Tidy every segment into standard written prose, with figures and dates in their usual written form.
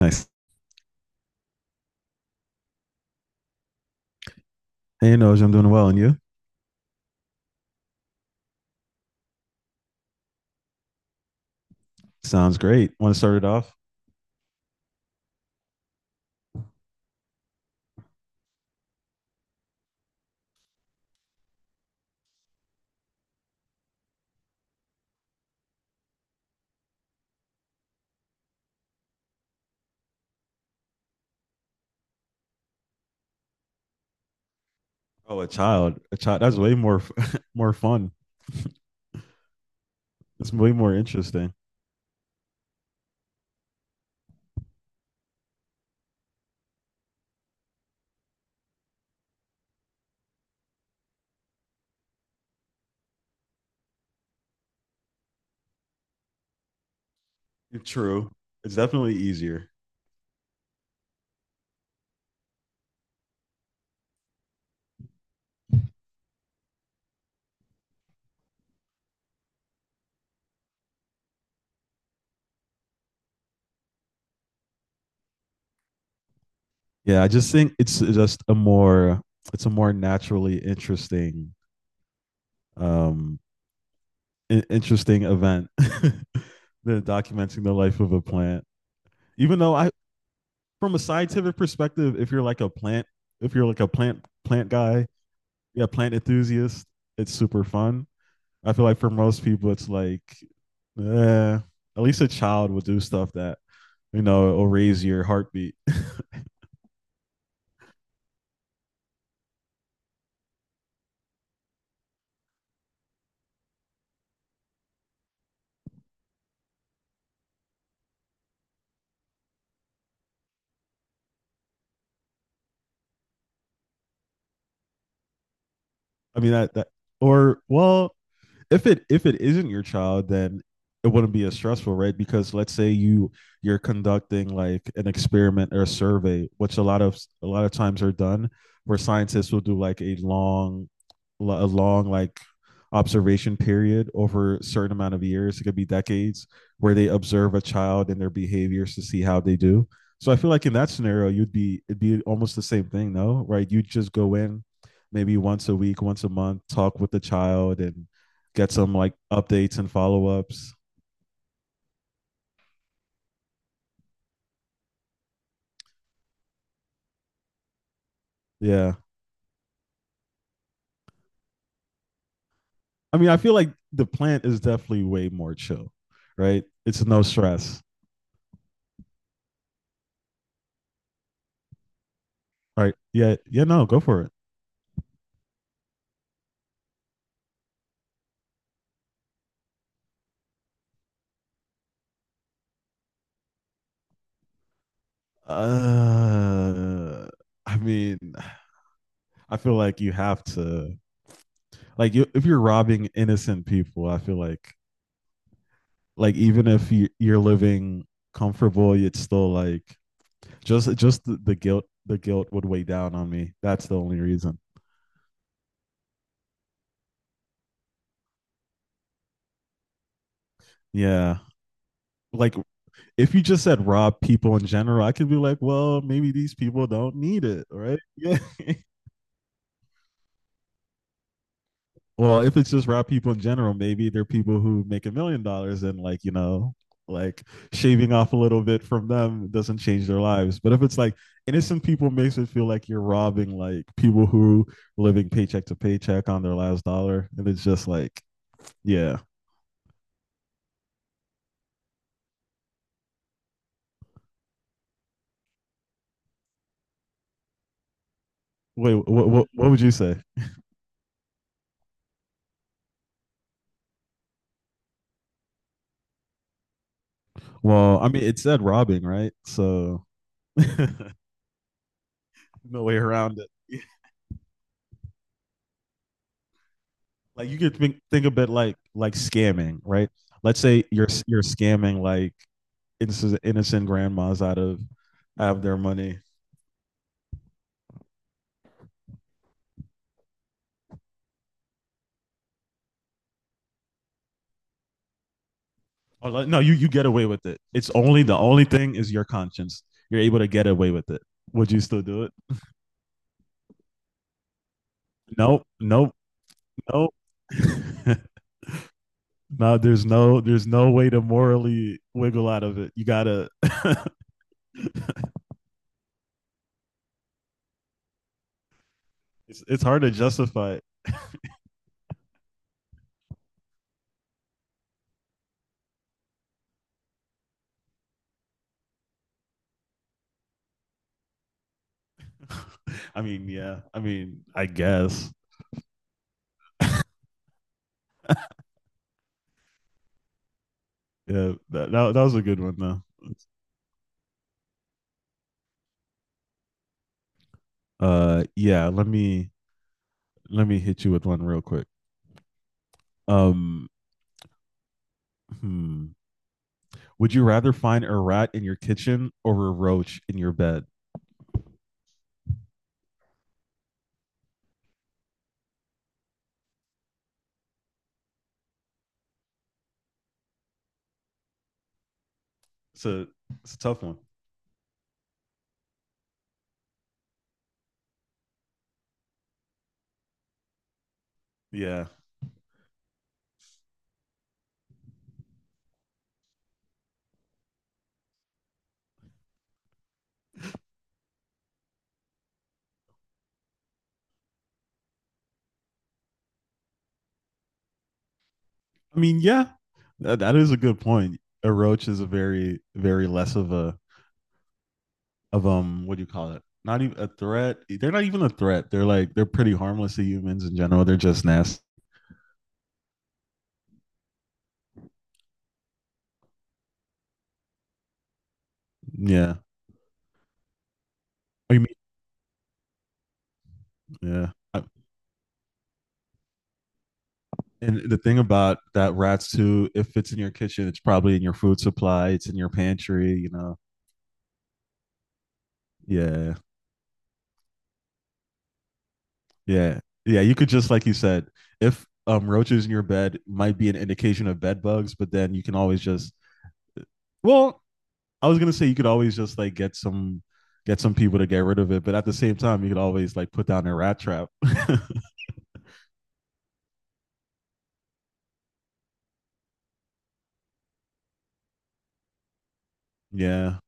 Nice. Hey, Noj, I'm doing well, and you? Sounds great. Want to start it off? Oh, a child. A child. That's way more more fun. It's way more interesting. True. It's definitely easier. Yeah, I just think it's just a more it's a more naturally interesting um I- interesting event than documenting the life of a plant. Even though I from a scientific perspective, if you're like a plant, if you're like a plant guy, yeah, plant enthusiast, it's super fun. I feel like for most people, it's like, eh, at least a child will do stuff that you know will raise your heartbeat. I mean that or well, if it isn't your child, then it wouldn't be as stressful, right? Because let's say you're conducting like an experiment or a survey, which a lot of times are done, where scientists will do like a long like observation period over a certain amount of years. It could be decades where they observe a child and their behaviors to see how they do. So I feel like in that scenario, you'd be it'd be almost the same thing, no? Right? You'd just go in maybe once a week, once a month, talk with the child and get some like updates and follow ups. Yeah. I mean, I feel like the plant is definitely way more chill, right? It's no stress. All right. Yeah. Yeah. No, go for it. Uh, I mean, I feel like you have to, like, you, if you're robbing innocent people, I feel like, even if you, you're living comfortable, it's still like just the guilt, the guilt would weigh down on me. That's the only reason. Yeah. Like, if you just said rob people in general, I could be like, well, maybe these people don't need it, right? Yeah. Well, if it's just rob people in general, maybe they're people who make $1 million and like, you know, like shaving off a little bit from them doesn't change their lives. But if it's like innocent people makes it feel like you're robbing like people who are living paycheck to paycheck on their last dollar. And it's just like, yeah. Wait, what would you say? Well, I mean, it said robbing, right? So no way around it. Like you could think of it like scamming, right? Let's say you're scamming like innocent grandmas out of their money. Or like, no, you get away with it. It's only the only thing is your conscience. You're able to get away with it. Would you still do it? Nope, nope, nope. No, there's no way to morally wiggle out of it. You gotta. It's hard to justify it. I mean, yeah. I mean, I guess. Yeah, that was a good one though. Yeah. Let me hit you with one real quick. Um, hmm. Would you rather find a rat in your kitchen or a roach in your bed? It's a it's a tough one. Yeah. I mean, yeah, that is a good point. A roach is a very less of a of what do you call it? Not even a threat. They're not even a threat. They're like they're pretty harmless to humans in general. They're just nasty. Yeah. Oh, you mean yeah? I- And the thing about that rats too, if it's in your kitchen, it's probably in your food supply. It's in your pantry. You know. Yeah, yeah, yeah. You could just like you said, if roaches in your bed might be an indication of bed bugs, but then you can always just. Well, I was gonna say you could always just like get some people to get rid of it, but at the same time, you could always like put down a rat trap. yeah,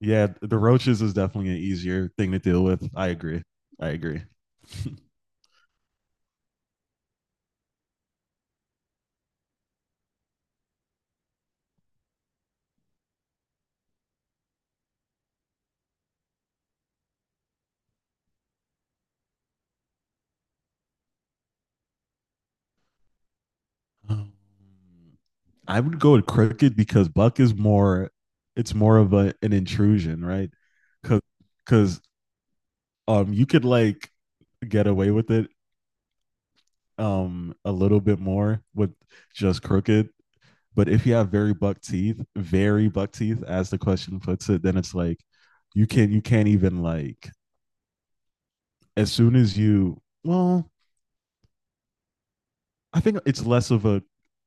yeah. The roaches is definitely an easier thing to deal with. I agree. I agree. Um, I would go with Crooked because Buck is more. It's more of a an intrusion, right? Because because you could like get away with it a little bit more with just Crooked, but if you have very buck teeth, as the question puts it, then it's like you can't even like as soon as you well, I think it's less of a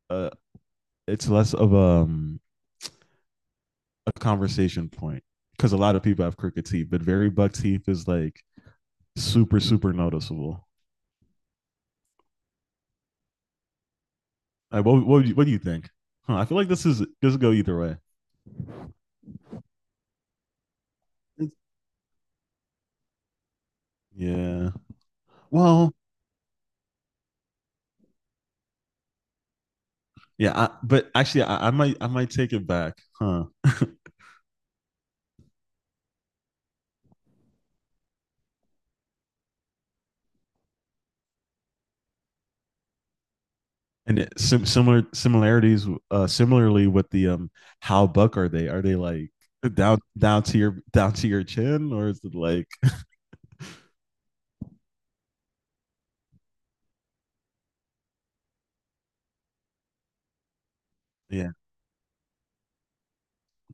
uh, it's less of a conversation point because a lot of people have crooked teeth, but very buck teeth is like super super noticeable. Like, what do you think? Huh, I feel like this is this will go either way. Yeah. Well, yeah, but actually, I might take it back, huh? And it, similarities, similarly with the how buck are they? Are they like down to your chin, or is it like yeah?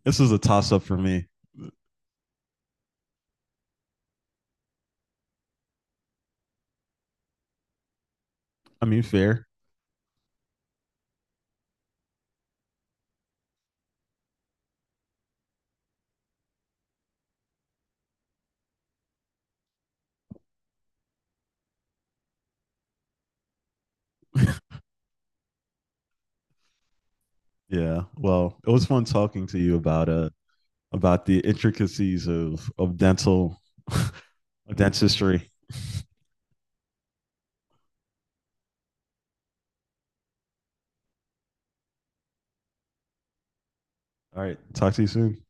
This is a toss up for me. I mean, fair. Yeah. Well, it was fun talking to you about the intricacies of dental dentistry. All right. Talk to you soon.